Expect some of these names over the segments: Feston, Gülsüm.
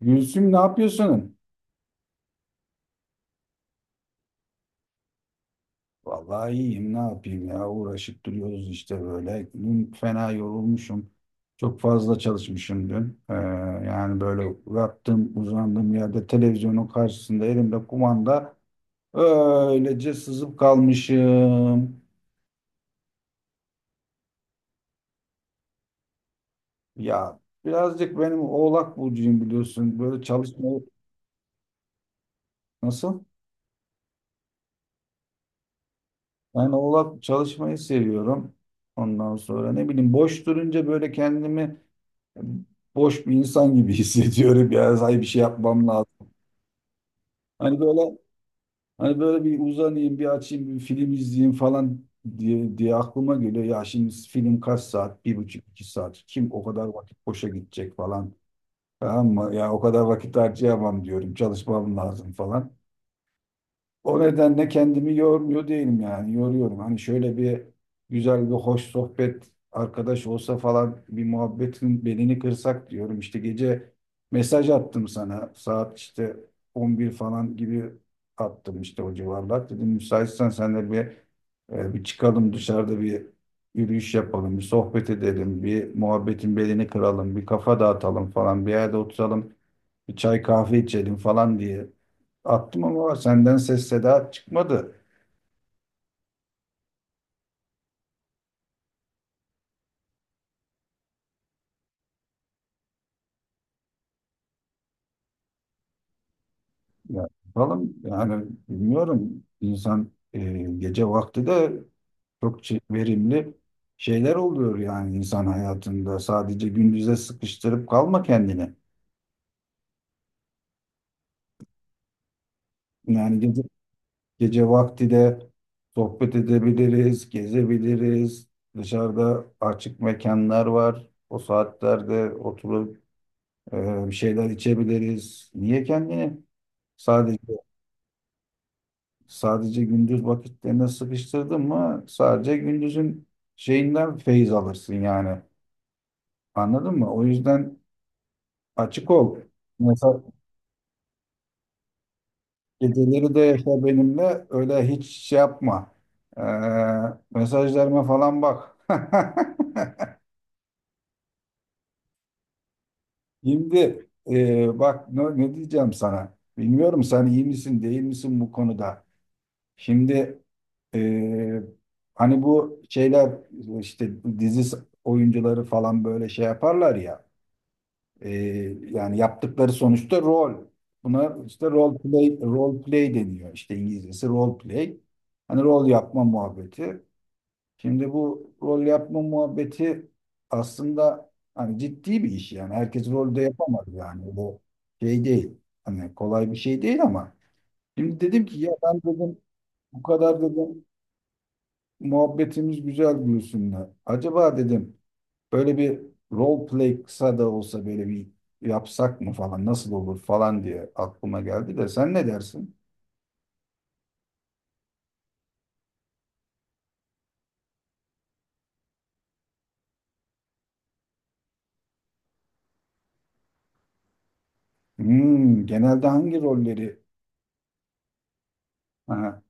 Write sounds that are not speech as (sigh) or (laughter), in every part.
Gülsüm ne yapıyorsun? Vallahi iyiyim, ne yapayım ya, uğraşıp duruyoruz işte böyle. Dün fena yorulmuşum. Çok fazla çalışmışım dün. Yani böyle yattığım uzandığım yerde, televizyonun karşısında, elimde kumanda, öylece sızıp kalmışım. Ya, birazcık benim, Oğlak burcuyum biliyorsun. Böyle çalışmayı nasıl? Ben Oğlak, çalışmayı seviyorum. Ondan sonra ne bileyim, boş durunca böyle kendimi boş bir insan gibi (laughs) hissediyorum ya. Hay, bir şey yapmam lazım. Hani böyle hani böyle bir uzanayım, bir açayım, bir film izleyeyim falan diye aklıma geliyor. Ya şimdi film kaç saat? Bir buçuk, iki saat. Kim o kadar vakit boşa gidecek falan. Tamam mı? Ya o kadar vakit harcayamam diyorum. Çalışmam lazım falan. O nedenle kendimi yormuyor değilim yani. Yoruyorum. Hani şöyle bir güzel bir hoş sohbet arkadaş olsa falan, bir muhabbetin belini kırsak diyorum. İşte gece mesaj attım sana. Saat işte 11 falan gibi attım, işte o civarlar. Dedim müsaitsen senle bir bir çıkalım, dışarıda bir yürüyüş yapalım, bir sohbet edelim, bir muhabbetin belini kıralım, bir kafa dağıtalım falan, bir yerde oturalım, bir çay kahve içelim falan diye attım, ama senden ses seda çıkmadı. Ya, falan yani bilmiyorum, insan gece vakti de çok verimli şeyler oluyor yani insan hayatında. Sadece gündüze sıkıştırıp kalma kendini. Yani gece vakti de sohbet edebiliriz, gezebiliriz. Dışarıda açık mekanlar var. O saatlerde oturup bir şeyler içebiliriz. Niye kendini sadece sadece gündüz vakitlerine sıkıştırdın mı, sadece gündüzün şeyinden feyiz alırsın yani. Anladın mı? O yüzden açık ol. Mesela geceleri de yaşa benimle, öyle hiç şey yapma. Ee, Mesajlarıma falan bak. (laughs) Şimdi bak ne diyeceğim sana. Bilmiyorum sen iyi misin değil misin bu konuda. Şimdi eee, hani bu şeyler işte dizi oyuncuları falan böyle şey yaparlar ya, yani yaptıkları sonuçta rol. Buna işte role play deniyor, işte İngilizcesi role play. Hani rol yapma muhabbeti. Şimdi bu rol yapma muhabbeti aslında hani ciddi bir iş, yani herkes rolde yapamaz, yani bu şey değil. Hani kolay bir şey değil ama şimdi dedim ki ya, ben dedim bu kadar dedim muhabbetimiz güzel Gülsüm'le. Acaba dedim böyle bir role play kısa da olsa böyle bir yapsak mı falan, nasıl olur falan diye aklıma geldi de, sen ne dersin? Hmm, genelde hangi rolleri? Ha,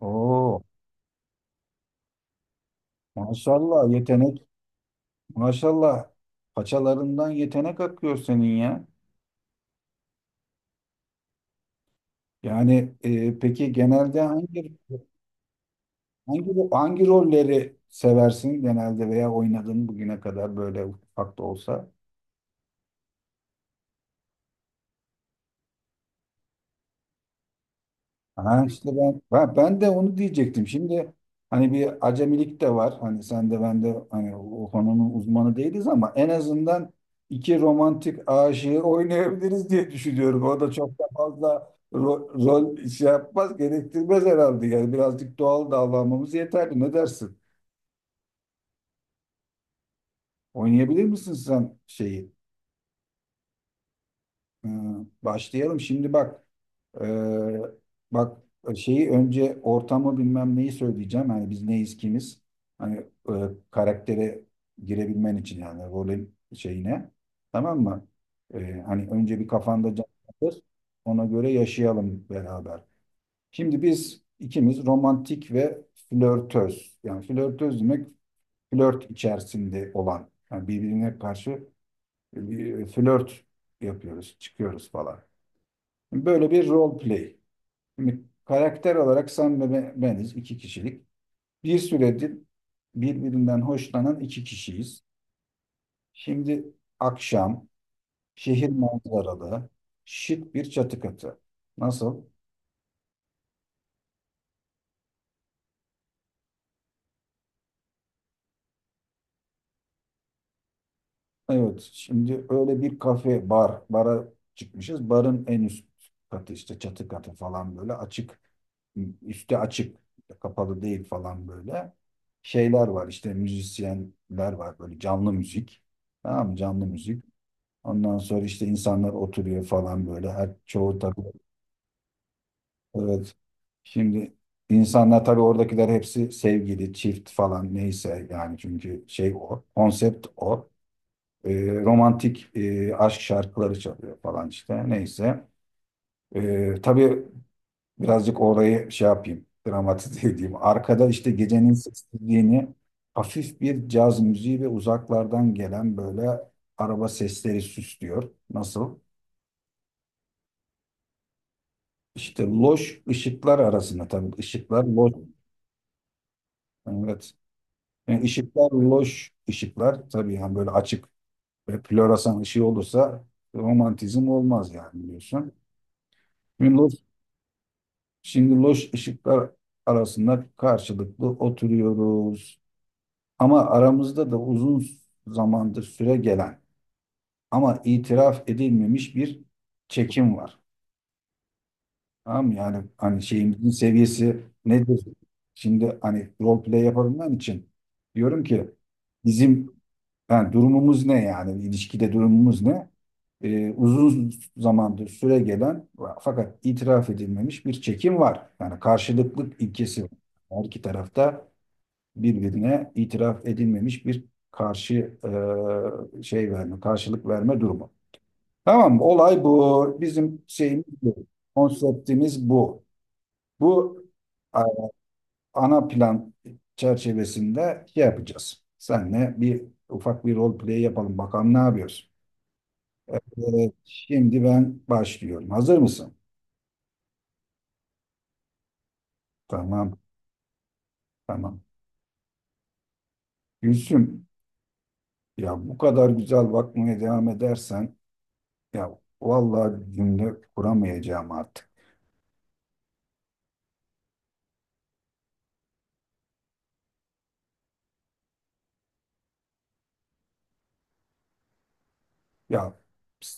oo, maşallah yetenek, maşallah paçalarından yetenek akıyor senin ya. Yani peki genelde hangi hangi rolleri seversin genelde, veya oynadın bugüne kadar böyle ufak da olsa? Ha işte ben, ben de onu diyecektim. Şimdi hani bir acemilik de var. Hani sen de ben de hani o konunun uzmanı değiliz, ama en azından iki romantik aşığı oynayabiliriz diye düşünüyorum. O da çok da fazla rol şey yapmaz, gerektirmez herhalde. Yani birazcık doğal davranmamız yeterli. Ne dersin? Oynayabilir misin sen şeyi? Ee, Başlayalım. Şimdi bak, Ee, bak şeyi önce, ortamı bilmem neyi söyleyeceğim. Hani biz neyiz, kimiz? Hani e, karaktere girebilmen için, yani rolün şeyine. Tamam mı? Hani önce bir kafanda canlandır. Ona göre yaşayalım beraber. Şimdi biz ikimiz romantik ve flörtöz. Yani flörtöz demek flört içerisinde olan. Yani birbirine karşı bir flört yapıyoruz, çıkıyoruz falan. Böyle bir role play. Şimdi karakter olarak sen ve beniz iki kişilik. Bir süredir birbirinden hoşlanan iki kişiyiz. Şimdi akşam, şehir manzaralı, şık bir çatı katı. Nasıl? Evet, şimdi öyle bir kafe, bara çıkmışız. Barın en üst katı, işte çatı katı falan, böyle açık, üstü açık, kapalı değil falan böyle. Şeyler var, işte müzisyenler var, böyle canlı müzik. Tamam mı? Canlı müzik. Ondan sonra işte insanlar oturuyor falan böyle. Her çoğu tabii. Evet. Şimdi insanlar tabii oradakiler hepsi sevgili, çift falan, neyse yani, çünkü şey o. Konsept o. Romantik aşk şarkıları çalıyor falan, işte neyse. Tabii birazcık orayı şey yapayım. Dramatize (laughs) edeyim. Arkada işte gecenin sessizliğini hafif bir caz müziği ve uzaklardan gelen böyle araba sesleri süslüyor. Nasıl? İşte loş ışıklar arasında, tabii ışıklar loş. Evet. Yani ışıklar loş, ışıklar tabii yani böyle açık ve floresan ışığı olursa romantizm olmaz yani, biliyorsun. Şimdi loş, şimdi loş ışıklar arasında karşılıklı oturuyoruz. Ama aramızda da uzun zamandır süre gelen ama itiraf edilmemiş bir çekim var. Tamam, yani hani şeyimizin seviyesi nedir? Şimdi hani role play yapabilmem için diyorum ki bizim, yani durumumuz ne, yani ilişkide durumumuz ne? Uzun zamandır süre gelen fakat itiraf edilmemiş bir çekim var. Yani karşılıklık ilkesi var. Her iki tarafta birbirine itiraf edilmemiş bir karşı şey verme, karşılık verme durumu. Tamam mı? Olay bu. Bizim şeyimiz bu. Konseptimiz bu. Bu a- ana plan çerçevesinde şey yapacağız. Senle bir ufak bir rol play yapalım. Bakalım ne yapıyoruz. Evet, şimdi ben başlıyorum. Hazır mısın? Tamam, tamam. Gülsüm, ya bu kadar güzel bakmaya devam edersen ya vallahi cümle kuramayacağım artık. Ya,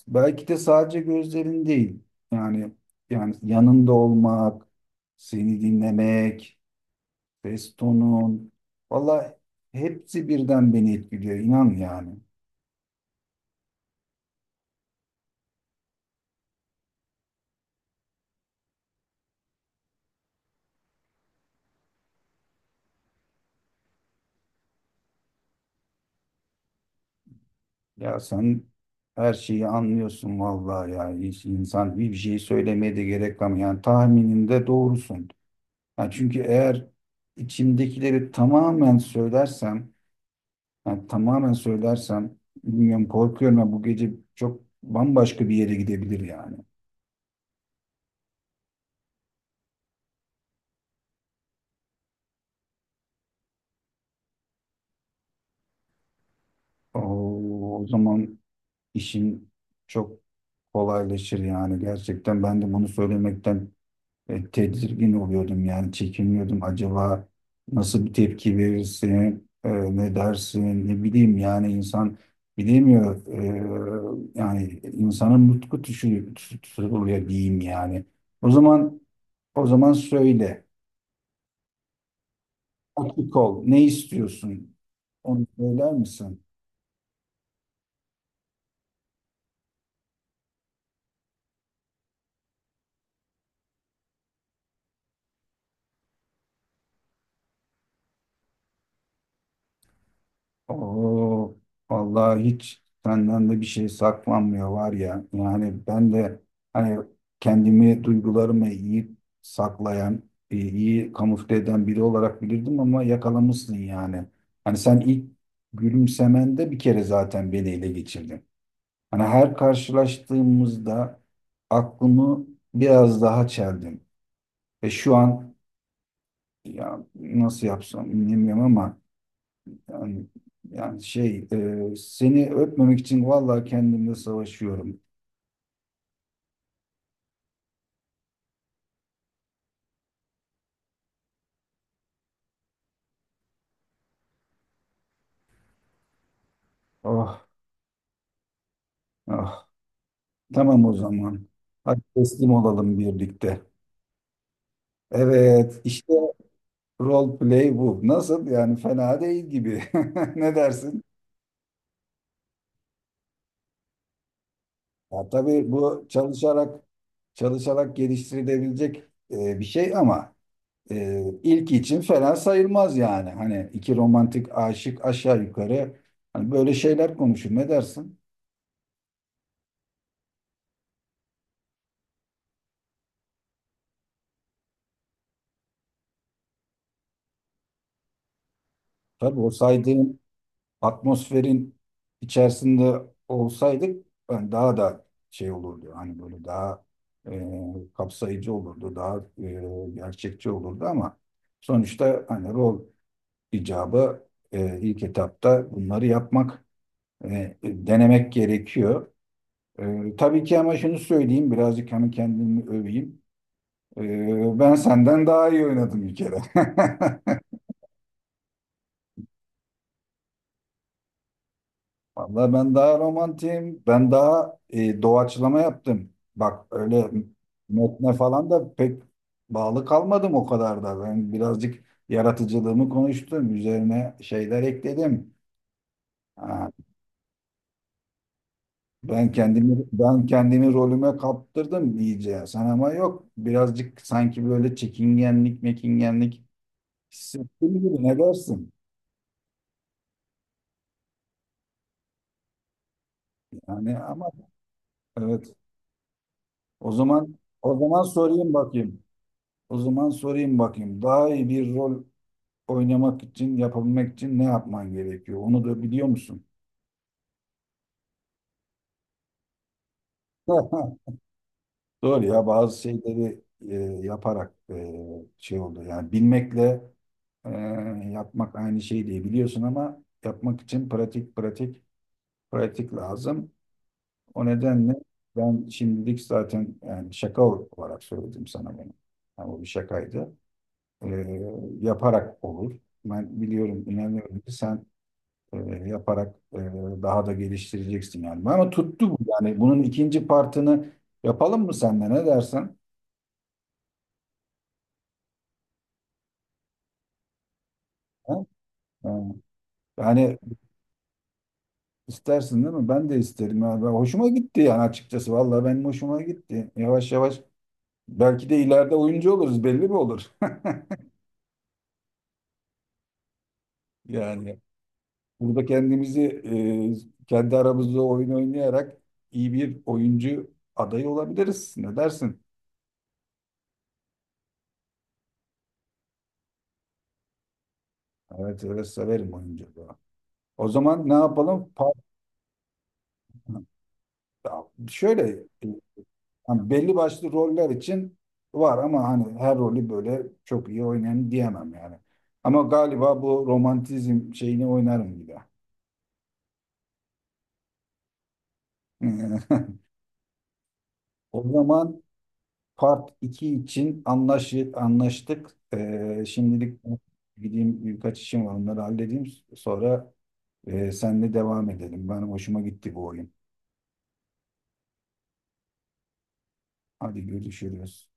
belki de sadece gözlerin değil. Yani yani yanında olmak, seni dinlemek, Feston'un. Valla hepsi birden beni etkiliyor, inan yani. Ya sen her şeyi anlıyorsun vallahi ya. Hiç insan bir şey söylemeye de gerek kalmıyor. Yani tahmininde doğrusun. Yani çünkü eğer içimdekileri tamamen söylersem, yani tamamen söylersem, bilmiyorum, korkuyorum ya, bu gece çok bambaşka bir yere gidebilir yani. Oo, o zaman işin çok kolaylaşır yani. Gerçekten ben de bunu söylemekten tedirgin oluyordum, yani çekiniyordum, acaba nasıl bir tepki verirsin, ne dersin, ne bileyim, yani insan bilemiyor. Yani insanın nutku tuşu tutuluyor diyeyim yani. o zaman O zaman söyle, açık ol, ne istiyorsun, onu söyler misin? Oo, vallahi hiç senden de bir şey saklanmıyor var ya. Yani ben de hani kendimi, duygularımı iyi saklayan, iyi kamufle eden biri olarak bilirdim ama yakalamışsın yani. Hani sen ilk gülümsemende bir kere zaten beni ele geçirdin. Hani her karşılaştığımızda aklımı biraz daha çeldin. Ve şu an ya nasıl yapsam bilmiyorum ama yani, yani şey, seni öpmemek için vallahi kendimle savaşıyorum. Ah ah. Tamam o zaman. Hadi teslim olalım birlikte. Evet işte role play bu. Nasıl, yani fena değil gibi. (laughs) Ne dersin? Ya tabii bu çalışarak geliştirilebilecek bir şey ama ilk için fena sayılmaz yani. Hani iki romantik aşık aşağı yukarı hani böyle şeyler konuşur. Ne dersin? Tabii o saydığın atmosferin içerisinde olsaydık ben daha da şey olurdu. Hani böyle daha kapsayıcı olurdu, daha gerçekçi olurdu ama sonuçta hani rol icabı ilk etapta bunları yapmak, denemek gerekiyor. Tabii ki, ama şunu söyleyeyim, birazcık hani kendimi öveyim. Ben senden daha iyi oynadım bir kere. (laughs) Vallahi ben daha romantiyim. Ben daha doğaçlama yaptım. Bak öyle metne falan da pek bağlı kalmadım o kadar da. Ben birazcık yaratıcılığımı konuştum. Üzerine şeyler ekledim. Ha, ben kendimi rolüme kaptırdım iyice. Sen ama yok. Birazcık sanki böyle çekingenlik, mekingenlik hissettiğim gibi, ne dersin? Yani ama evet. O zaman O zaman sorayım bakayım. O zaman sorayım bakayım. Daha iyi bir rol oynamak için, yapabilmek için ne yapman gerekiyor? Onu da biliyor musun? (laughs) Doğru ya, bazı şeyleri e, yaparak şey oldu. Yani bilmekle e, yapmak aynı şey değil biliyorsun, ama yapmak için pratik lazım. O nedenle ben şimdilik zaten yani şaka olarak söyledim sana bunu. Yani o bir şakaydı. E, Yaparak olur. Ben biliyorum, inanıyorum ki sen e, yaparak daha da geliştireceksin yani. Ama tuttu bu yani. Bunun ikinci partını yapalım mı senle, ne dersen? Ha? Ha. Yani istersin değil mi? Ben de isterim. Ya. Ben, hoşuma gitti yani açıkçası. Vallahi benim hoşuma gitti. Yavaş yavaş belki de ileride oyuncu oluruz, belli mi olur? (laughs) Yani burada kendimizi kendi aramızda oyun oynayarak iyi bir oyuncu adayı olabiliriz. Ne dersin? Evet, evet, severim oyunculuğu. O zaman ne yapalım? Part- ya şöyle e, hani belli başlı roller için var, ama hani her rolü böyle çok iyi oynayan diyemem yani. Ama galiba bu romantizm şeyini oynarım gibi. (laughs) O zaman part 2 için anlaştık. Şimdilik gideyim, birkaç işim var, onları halledeyim. Sonra senle devam edelim. Ben hoşuma gitti bu oyun. Hadi görüşürüz.